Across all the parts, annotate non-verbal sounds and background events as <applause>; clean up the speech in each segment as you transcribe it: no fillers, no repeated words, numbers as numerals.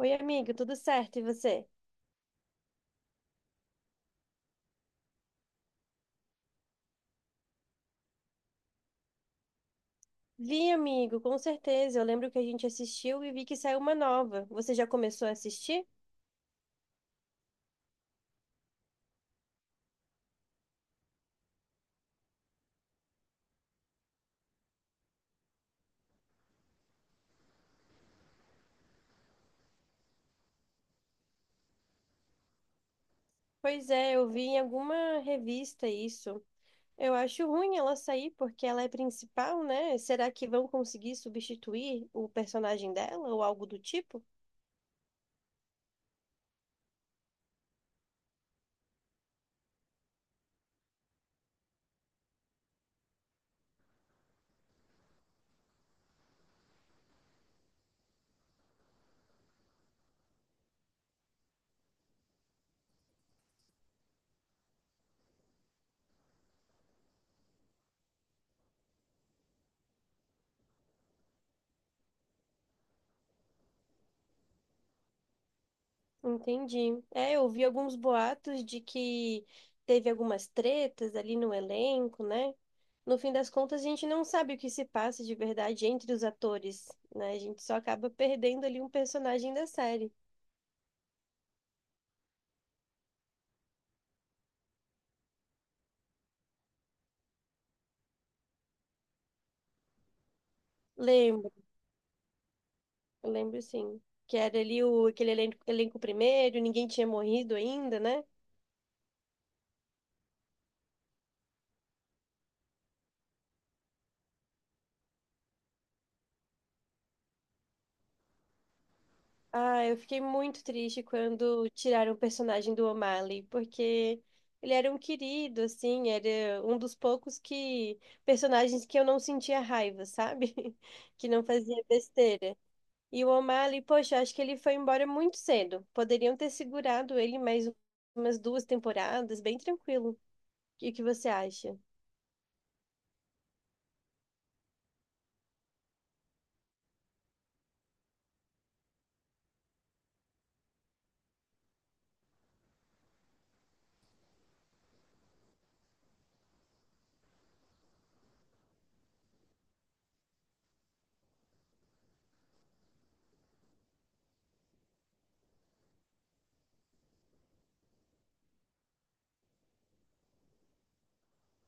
Oi, amigo, tudo certo? E você? Vi, amigo, com certeza. Eu lembro que a gente assistiu e vi que saiu uma nova. Você já começou a assistir? Pois é, eu vi em alguma revista isso. Eu acho ruim ela sair porque ela é principal, né? Será que vão conseguir substituir o personagem dela ou algo do tipo? Entendi. É, eu vi alguns boatos de que teve algumas tretas ali no elenco, né? No fim das contas, a gente não sabe o que se passa de verdade entre os atores, né? A gente só acaba perdendo ali um personagem da série. Lembro, eu lembro sim. Que era ali o, aquele elenco, elenco primeiro, ninguém tinha morrido ainda, né? Ah, eu fiquei muito triste quando tiraram o personagem do O'Malley, porque ele era um querido, assim, era um dos poucos que personagens que eu não sentia raiva, sabe? <laughs> Que não fazia besteira. E o O'Malley, poxa, eu acho que ele foi embora muito cedo. Poderiam ter segurado ele mais umas duas temporadas, bem tranquilo. O que que você acha?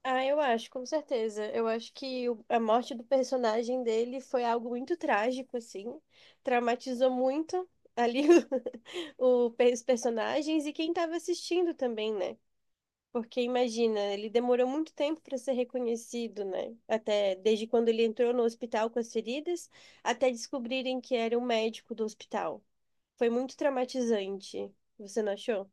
Ah, eu acho, com certeza. Eu acho que a morte do personagem dele foi algo muito trágico, assim. Traumatizou muito ali <laughs> os personagens e quem estava assistindo também, né? Porque imagina, ele demorou muito tempo para ser reconhecido, né? Até desde quando ele entrou no hospital com as feridas, até descobrirem que era o médico do hospital. Foi muito traumatizante. Você não achou?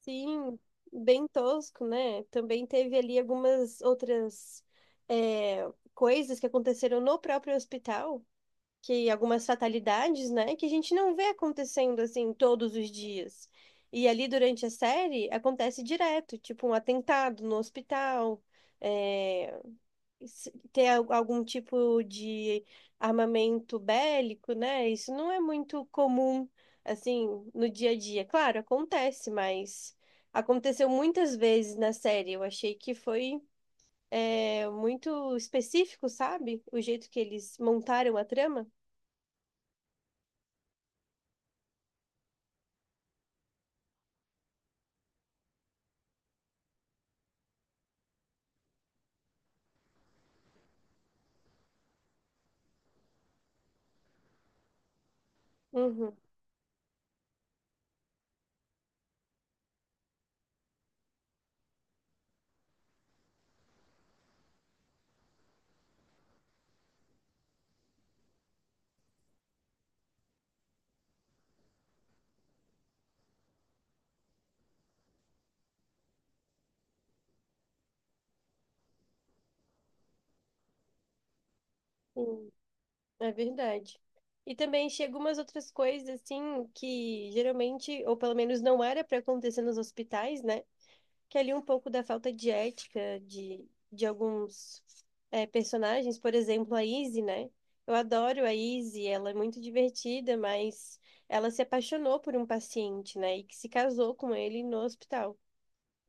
Sim, bem tosco, né? Também teve ali algumas outras coisas que aconteceram no próprio hospital, que algumas fatalidades, né? Que a gente não vê acontecendo assim todos os dias. E ali durante a série acontece direto, tipo um atentado no hospital, eh, se- ter al- algum tipo de armamento bélico, né? Isso não é muito comum, assim, no dia a dia. Claro, acontece, mas aconteceu muitas vezes na série. Eu achei que foi, é, muito específico, sabe? O jeito que eles montaram a trama. Uhum, sim, é verdade. E também chega umas outras coisas, assim, que geralmente, ou pelo menos não era para acontecer nos hospitais, né? Que ali um pouco da falta de ética de alguns personagens, por exemplo, a Izzy, né? Eu adoro a Izzy, ela é muito divertida, mas ela se apaixonou por um paciente, né? E que se casou com ele no hospital.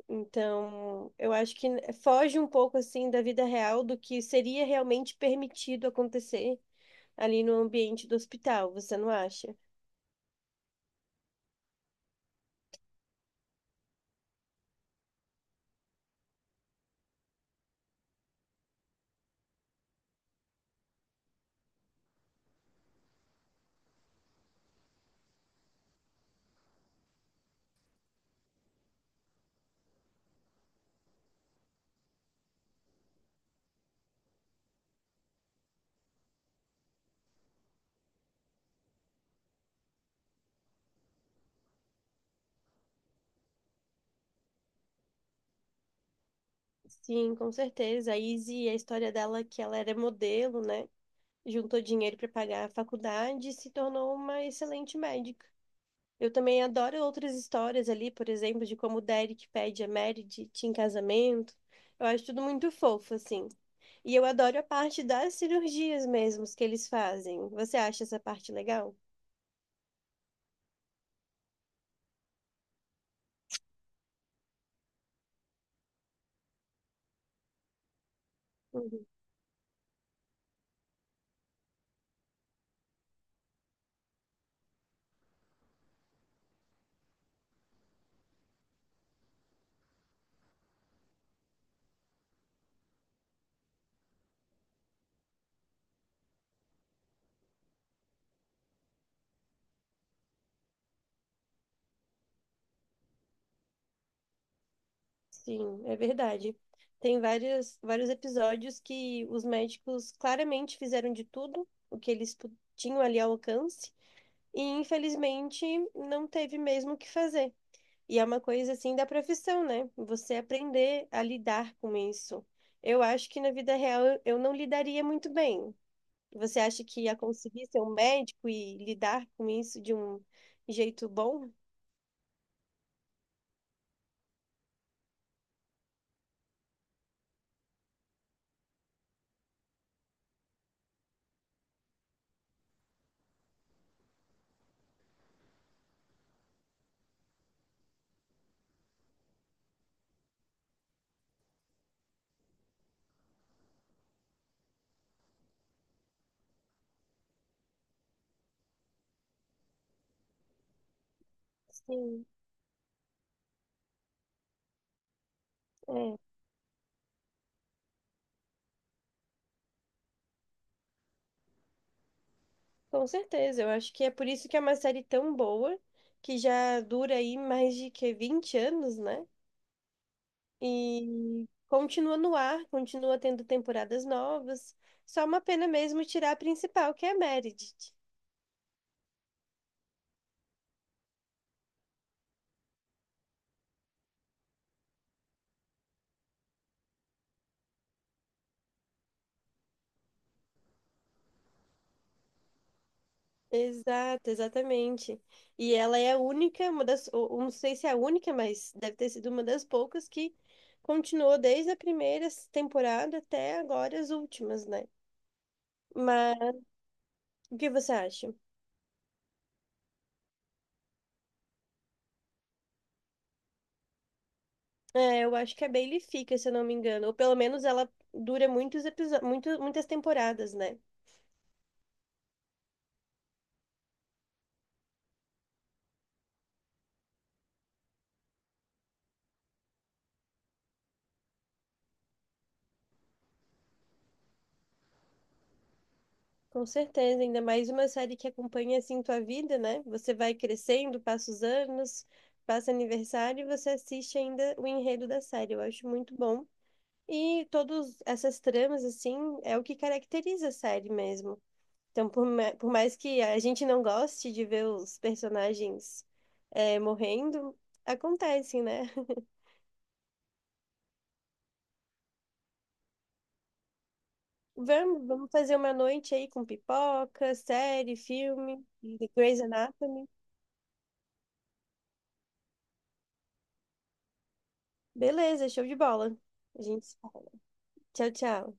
Então, eu acho que foge um pouco assim da vida real do que seria realmente permitido acontecer ali no ambiente do hospital, você não acha? Sim, com certeza. A Izzy, a história dela é que ela era modelo, né? Juntou dinheiro para pagar a faculdade e se tornou uma excelente médica. Eu também adoro outras histórias ali, por exemplo, de como o Derek pede a Mary em casamento. Eu acho tudo muito fofo, assim. E eu adoro a parte das cirurgias mesmo que eles fazem. Você acha essa parte legal? Uhum. Sim, é verdade. Tem vários, vários episódios que os médicos claramente fizeram de tudo o que eles tinham ali ao alcance e infelizmente não teve mesmo o que fazer. E é uma coisa assim da profissão, né? Você aprender a lidar com isso. Eu acho que na vida real eu não lidaria muito bem. Você acha que ia conseguir ser um médico e lidar com isso de um jeito bom? Sim, é, com certeza. Eu acho que é por isso que é uma série tão boa, que já dura aí mais de que 20 anos, né? E continua no ar, continua tendo temporadas novas. Só uma pena mesmo tirar a principal, que é a Meredith. Exato, exatamente. E ela é a única, uma das, ou não sei se é a única, mas deve ter sido uma das poucas que continuou desde a primeira temporada até agora as últimas, né? Mas o que você acha? É, eu acho que a Bailey fica, se eu não me engano, ou pelo menos ela dura muitos episódios, muito, muitas temporadas, né? Com certeza, ainda mais uma série que acompanha assim tua vida, né? Você vai crescendo, passa os anos, passa aniversário e você assiste ainda o enredo da série. Eu acho muito bom. E todas essas tramas, assim, é o que caracteriza a série mesmo. Então, por mais que a gente não goste de ver os personagens morrendo, acontecem, né? <laughs> Vamos, vamos fazer uma noite aí com pipoca, série, filme, The Grey's Anatomy. Beleza, show de bola. A gente se fala. Tchau, tchau.